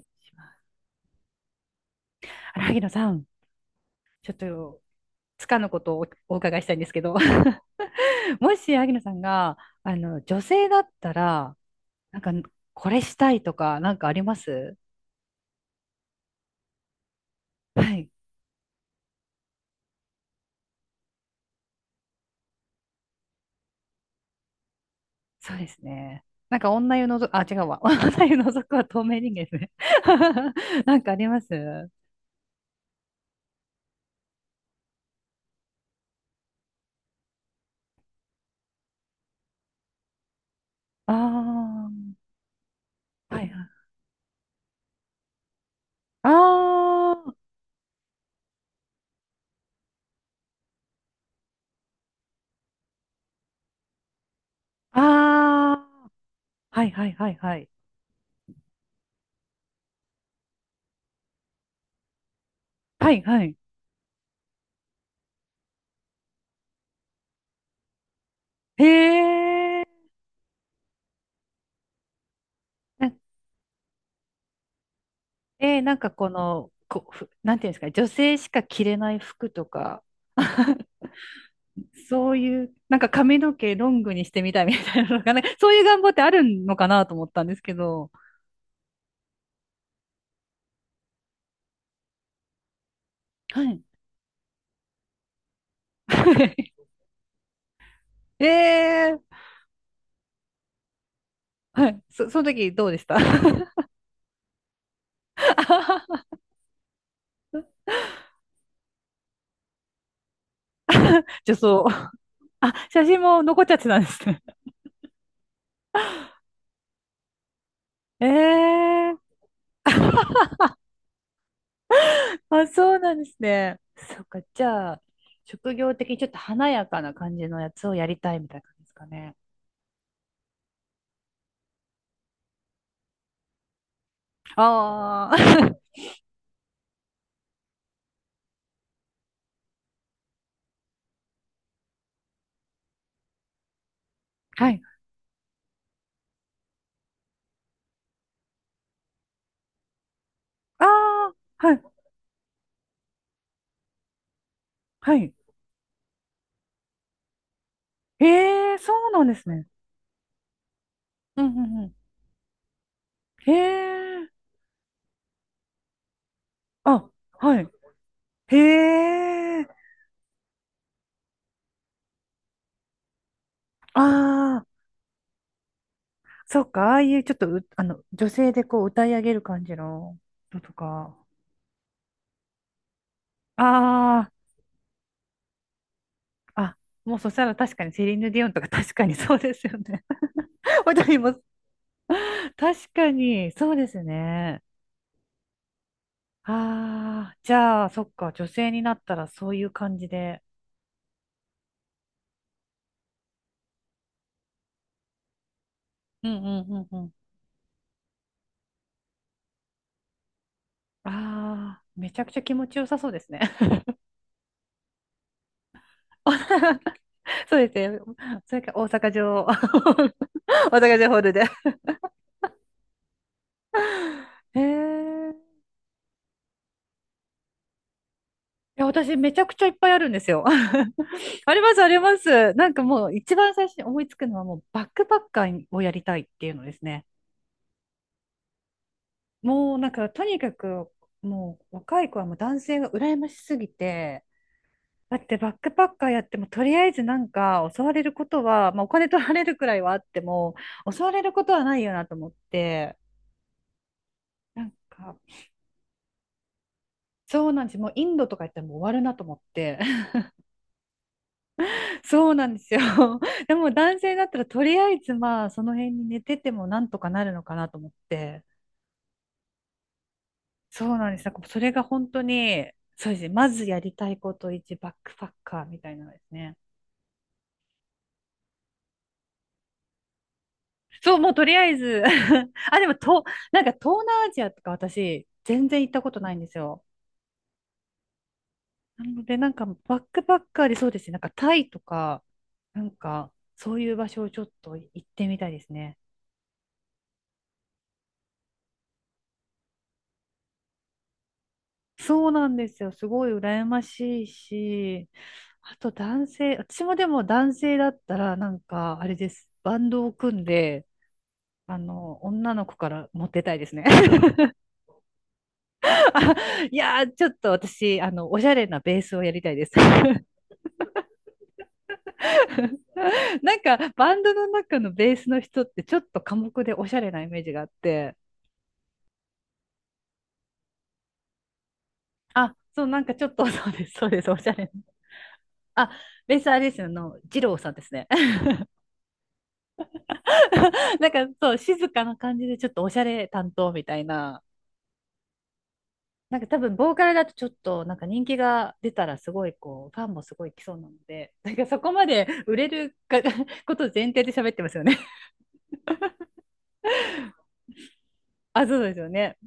アますあれ萩野さん、ちょっとつかぬことをお伺いしたいんですけど。もし萩野さんが女性だったら、なんかこれしたいとか、なんかあります？はい、そうですね。なんか女湯のぞ、あ、違うわ。女湯のぞくは透明人間ですね。なんかあります？ああー、はいはい。ああ、ああ、はいはいはいはい。はいはい。へえ。で、なんかこの、こ、ふなんていうんですかね、女性しか着れない服とか、そういう、なんか髪の毛ロングにしてみたいみたいなのがね、そういう願望ってあるのかなと思ったんですけど。はい。えー、はい。その時どうでした？ 女装。あ、写真も残っちゃってたんですね。えー、あ、そうなんですね。そっか、じゃあ、職業的にちょっと華やかな感じのやつをやりたいみたいな感じですかね。ああ、はい。ああ、はい、はい。へえ、そうなんですね。うんうんうん。へえ、あ、はい。へえ、ああ、そっか、ああいうちょっとう、あの、女性でこう歌い上げる感じののとか。ああ、あ、もうそしたら確かにセリーヌ・ディオンとか確かにそうですよね。踊ります。確かに、そうですね。ああ、じゃあ、そっか、女性になったらそういう感じで。うんうんうんうん。ああ、めちゃくちゃ気持ちよさそうですね。そうですね。それか大阪城、大阪城ホールで。へえ。いや、私めちゃくちゃいっぱいあるんですよ。あります、あります。なんかもう一番最初に思いつくのは、もうバックパッカーをやりたいっていうのですね。もうなんかとにかく、もう若い子はもう男性が羨ましすぎて、だってバックパッカーやっても、とりあえずなんか襲われることは、まあ、お金取られるくらいはあっても襲われることはないよなと思って。なんかそうなんですよ、もうインドとか行ったらもう終わるなと思って。 そうなんですよ。 でも男性だったら、とりあえずまあその辺に寝ててもなんとかなるのかなと思って。そうなんです、なんかそれが本当に、そうですね、まずやりたいこと1、バックパッカーみたいなのですね。そう、もうとりあえず、 あ、でも、と、なんか東南アジアとか私、全然行ったことないんですよ。なので、なんかバックパッカーで、そうですね、なんかタイとか、なんかそういう場所をちょっと行ってみたいですね。そうなんですよ。すごい羨ましいし、あと男性、私もでも男性だったら、なんかあれです。バンドを組んで、女の子からモテたいですね。あ、いやー、ちょっと私、おしゃれなベースをやりたいです。なんかバンドの中のベースの人ってちょっと寡黙でおしゃれなイメージがあって、あ、そう、なんかちょっと、そうです、そうです、おしゃれな。あ、ベースあれですよ、二郎さんですね。なんかそう、静かな感じでちょっとおしゃれ担当みたいな。なんか多分ボーカルだとちょっとなんか人気が出たらすごいこうファンもすごい来そうなので、なんかそこまで売れるか、 ことを前提で喋ってますよね。あ、そうですよね。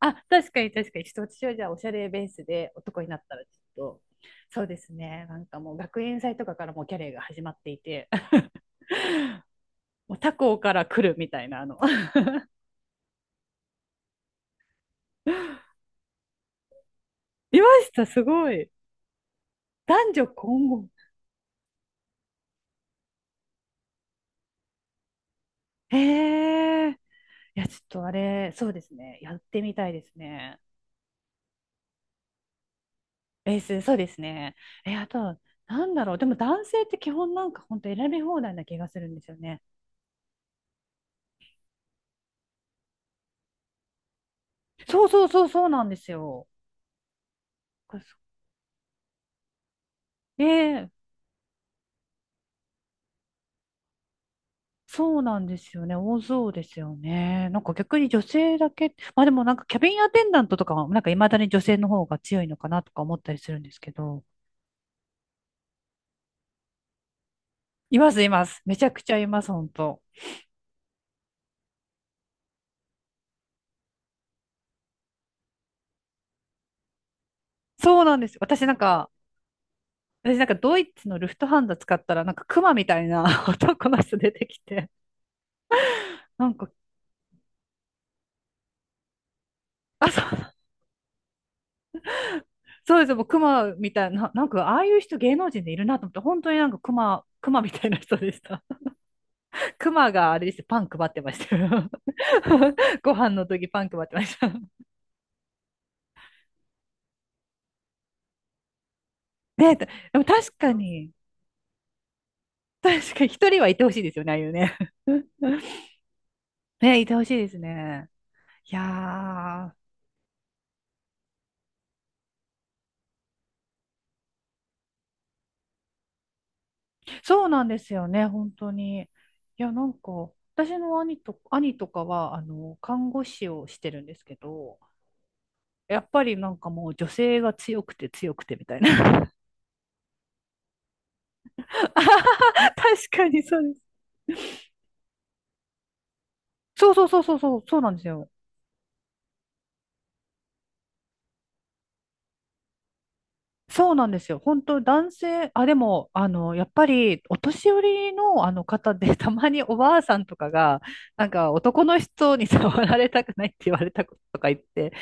あ、確かに確かに。ちょっと私はじゃあおしゃれベースで男になったらちょっと、そうですね。なんかもう学園祭とかから、もうキャレーが始まっていて、もう他校から来るみたいな、いました、すごい。男女混合。へえ。いや、ちょっとあれ、そうですね。やってみたいですね。ベース、そうですね。え、あと、なんだろう。でも男性って基本なんか本当選び放題な気がするんですよね。そうそうそうそう、なんですよ。ええ、そうなんですよね。多そうですよね。なんか逆に女性だけ、まあでもなんかキャビンアテンダントとかは、なんか未だに女性の方が強いのかなとか思ったりするんですけど。います、います。めちゃくちゃいます、本当。そうなんですよ。私なんか、私なんかドイツのルフトハンダ使ったら、なんかクマみたいな、 男の人出てきて、なんか、あ、そう、そうです、もうクマみたいな、なんかああいう人芸能人でいるなと思って、本当になんかクマ、クマみたいな人でした。クマがあれですよ、パン配ってましたよ。ご飯の時パン配ってました。ね、でも確かに、確かに一人はいてほしいですよね、ああいうね。ね、いてほしいですね。いやー、そうなんですよね、本当に。いや、なんか、私の兄と、兄とかは、看護師をしてるんですけど、やっぱりなんかもう女性が強くて強くてみたいな。確かにそうです。そうそうそうそうそう、そうなんですよ。そうなんですよ。本当男性、あ、でも、やっぱり、お年寄りの、あの方で、たまにおばあさんとかが、なんか、男の人に触られたくないって言われたこととか言って、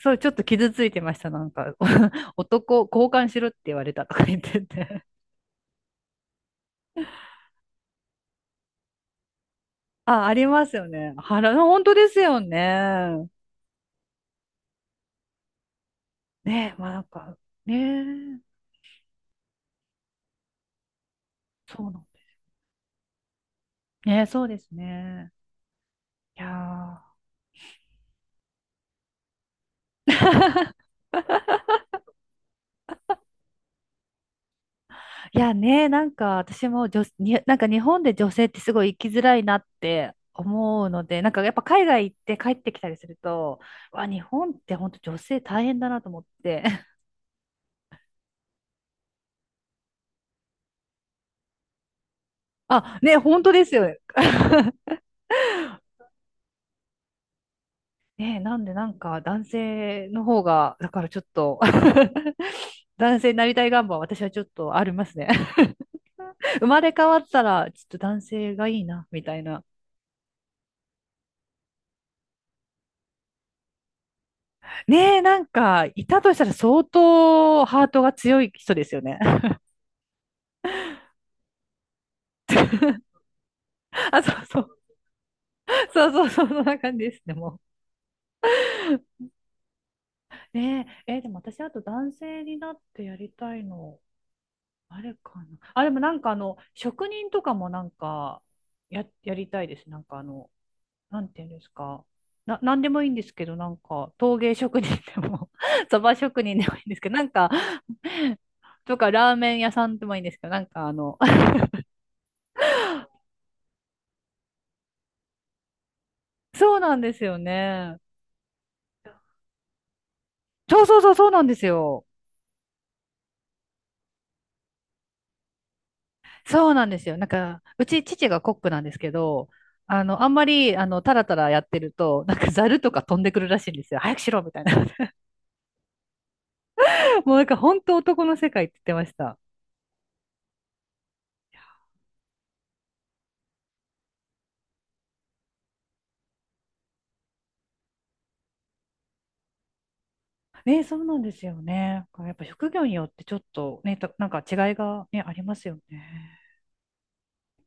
そう、ちょっと傷ついてました。なんか、男、交換しろって言われたとか言ってて。あ、ありますよね。腹の、本当ですよね。ねえ、まあなんか、ねえ、そうなんです。ねえ、そうですね。いやー、いやね、私もなんか日本で女性ってすごい生きづらいなって思うので、なんかやっぱ海外行って帰ってきたりすると、わ、日本って本当女性大変だなと思って。あ、ね、本当ですよね。ね、なんでなんか男性の方が、だからちょっと、 男性になりたい願望は私はちょっとありますね。生まれ変わったら、ちょっと男性がいいな、みたいな。ねえ、なんか、いたとしたら相当ハートが強い人ですよね。あ、そうそう。そうそうそう、そんな感じですね、もう。ねえ、えーでも私、あと男性になってやりたいの、あれかな。あ、でもなんかあの、職人とかもなんか、やりたいです。なんかあの、なんていうんですか。なんでもいいんですけど、なんか、陶芸職人でも、 そば職人でもいいんですけど、なんかとか、ラーメン屋さんでもいいんですけど、なんかあの、そうなんですよね。そうそうそう、そうなんですよ。そうなんですよ。なんか、うち父がコックなんですけど、あの、あんまり、タラタラやってると、なんかザルとか飛んでくるらしいんですよ。早くしろみたいな。もうなんか本当男の世界って言ってました。ね、そうなんですよね。やっぱ職業によってちょっとね、なんか違いがね、ありますよね。